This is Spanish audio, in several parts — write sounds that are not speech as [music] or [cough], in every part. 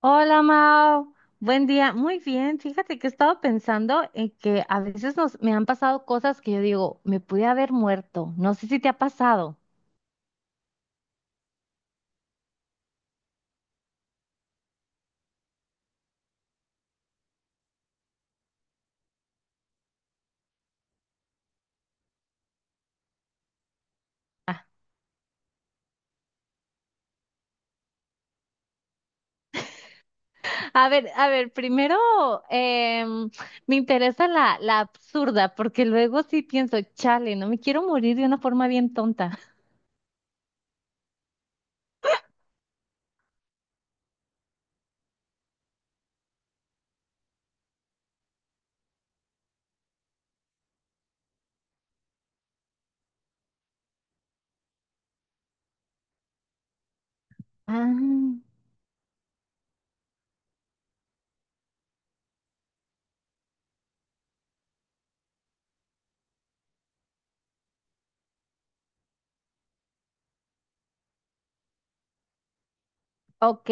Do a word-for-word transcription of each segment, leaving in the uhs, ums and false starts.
Hola Mao, buen día. Muy bien, fíjate que he estado pensando en que a veces nos, me han pasado cosas que yo digo, me pude haber muerto. No sé si te ha pasado. Ah, a ver, a ver, primero em, me interesa la, la absurda, porque luego sí pienso, chale, no me quiero morir de una forma bien tonta. Ah, ok.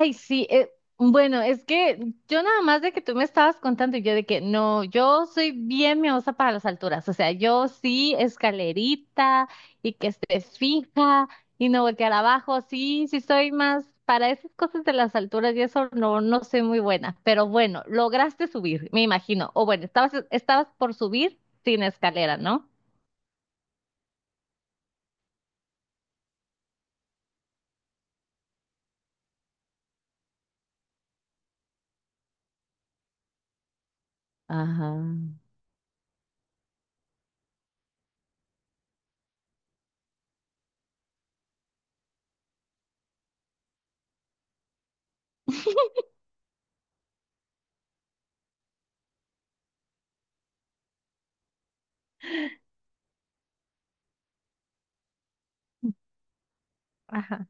Ay, sí, eh, bueno, es que yo nada más de que tú me estabas contando y yo de que no, yo soy bien miedosa para las alturas, o sea, yo sí escalerita y que esté fija y no voltear abajo, sí, sí soy más para esas cosas de las alturas y eso no, no soy muy buena, pero bueno, lograste subir, me imagino, o bueno, estabas, estabas por subir sin escalera, ¿no? Ajá. Ajá.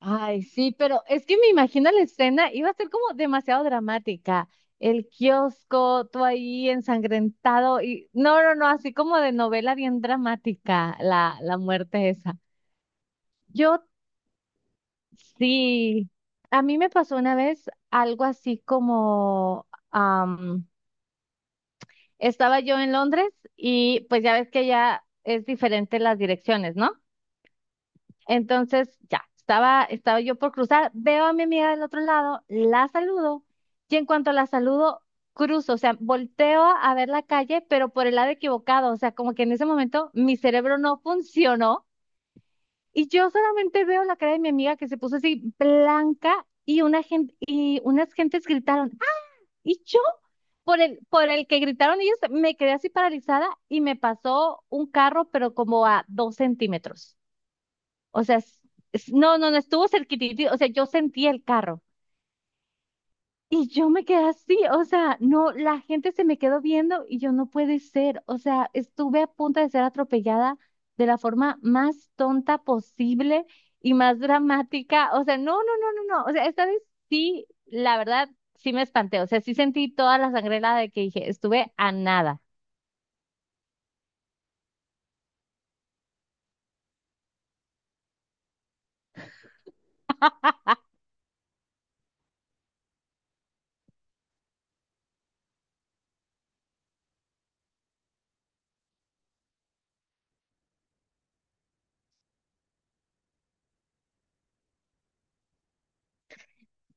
Ay, sí, pero es que me imagino la escena, iba a ser como demasiado dramática. El kiosco, tú ahí ensangrentado y no, no, no, así como de novela bien dramática, la, la muerte esa. Yo sí, a mí me pasó una vez algo así como, am, estaba yo en Londres y pues ya ves que ya es diferente las direcciones, ¿no? Entonces, ya, estaba, estaba yo por cruzar, veo a mi amiga del otro lado, la saludo, y en cuanto la saludo, cruzo, o sea, volteo a ver la calle, pero por el lado equivocado, o sea, como que en ese momento mi cerebro no funcionó y yo solamente veo la cara de mi amiga que se puso así blanca y una gente, y unas gentes gritaron, "¡Ah!". Y yo, por el, por el que gritaron ellos, me quedé así paralizada y me pasó un carro, pero como a dos centímetros. O sea, s- s- no, no, no estuvo cerquitito, o sea, yo sentí el carro y yo me quedé así, o sea, no, la gente se me quedó viendo y yo no puede ser, o sea, estuve a punto de ser atropellada de la forma más tonta posible y más dramática, o sea, no, no, no, no, no, o sea, esta vez sí, la verdad, sí me espanté, o sea, sí sentí toda la sangre helada de que dije, estuve a nada.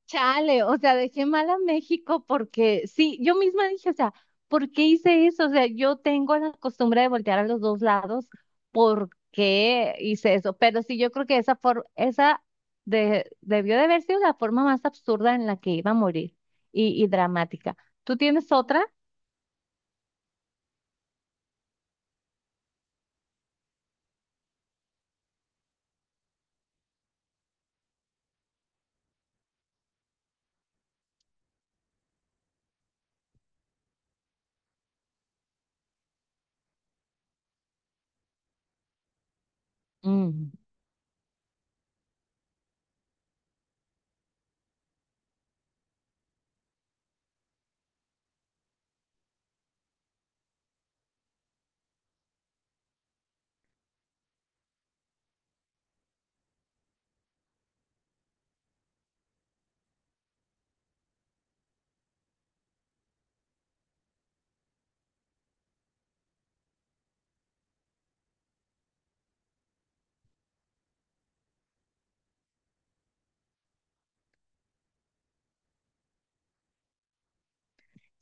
Chale, o sea, dejé mal a México porque sí, yo misma dije, o sea, ¿por qué hice eso? O sea, yo tengo la costumbre de voltear a los dos lados, ¿por qué hice eso? Pero sí, yo creo que esa for- esa de debió de haber sido la forma más absurda en la que iba a morir y, y dramática. ¿Tú tienes otra?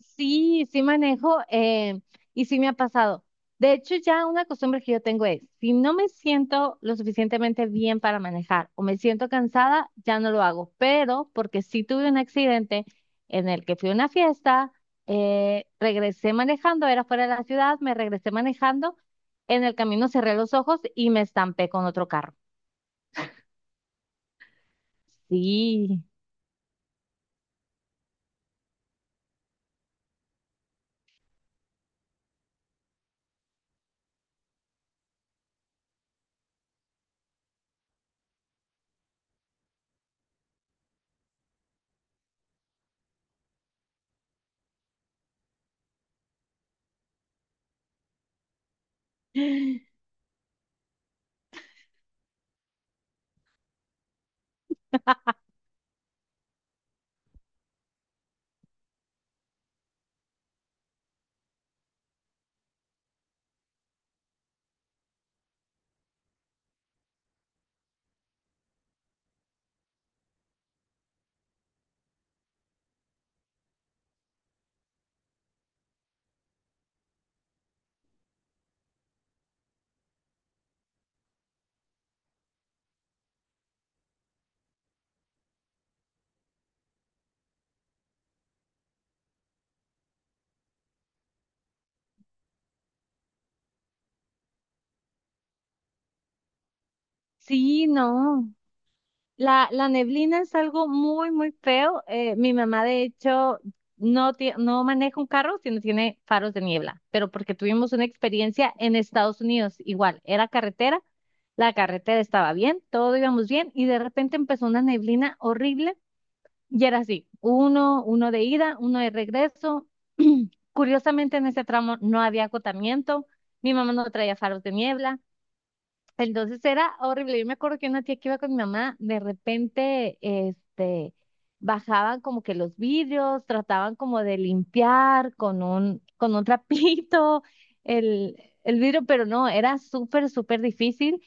Sí, sí manejo, eh, y sí me ha pasado. De hecho, ya una costumbre que yo tengo es, si no me siento lo suficientemente bien para manejar o me siento cansada, ya no lo hago. Pero porque sí tuve un accidente en el que fui a una fiesta, eh, regresé manejando, era fuera de la ciudad, me regresé manejando, en el camino cerré los ojos y me estampé con otro carro. Sí, [gasps] [laughs] sí, no. La, la neblina es algo muy, muy feo. Eh, mi mamá, de hecho, no, tie- no maneja un carro, sino tiene faros de niebla, pero porque tuvimos una experiencia en Estados Unidos, igual, era carretera, la carretera estaba bien, todo íbamos bien, y de repente empezó una neblina horrible y era así, uno, uno de ida, uno de regreso. [clears throat] Curiosamente, en ese tramo no había acotamiento, mi mamá no traía faros de niebla. Entonces era horrible. Yo me acuerdo que una tía que iba con mi mamá, de repente, este, bajaban como que los vidrios, trataban como de limpiar con un, con un trapito [laughs] el, el vidrio, pero no, era súper, súper difícil.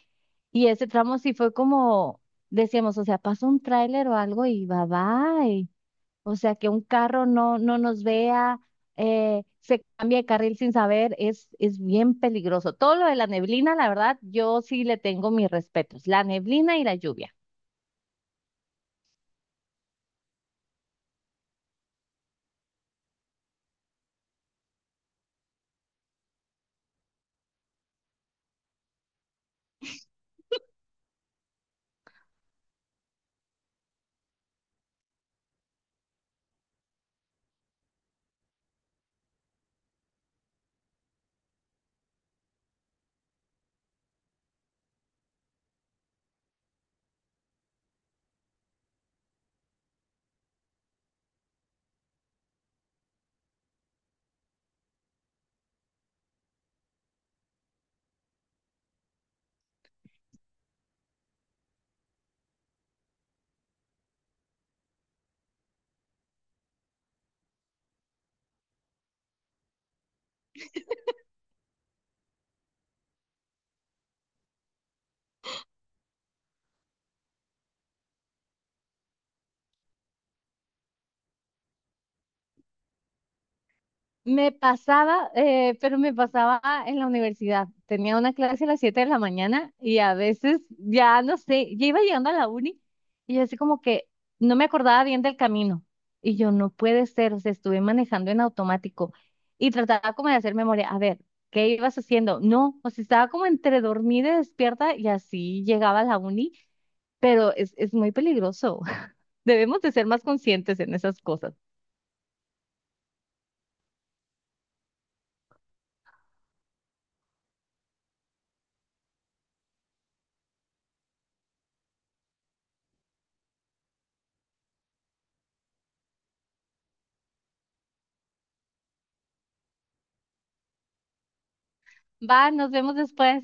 Y ese tramo sí fue como, decíamos, o sea, pasa un tráiler o algo y va, va. O sea, que un carro no, no nos vea, eh, se cambia de carril sin saber, es, es bien peligroso. Todo lo de la neblina, la verdad, yo sí le tengo mis respetos. La neblina y la lluvia. Me pasaba, eh, pero me pasaba en la universidad. Tenía una clase a las siete de la mañana y a veces ya no sé, ya iba llegando a la uni y así como que no me acordaba bien del camino. Y yo no puede ser, o sea, estuve manejando en automático y trataba como de hacer memoria. A ver, ¿qué ibas haciendo? No, o sea, estaba como entre dormida y despierta y así llegaba a la uni, pero es, es muy peligroso. [laughs] Debemos de ser más conscientes en esas cosas. Va, nos vemos después.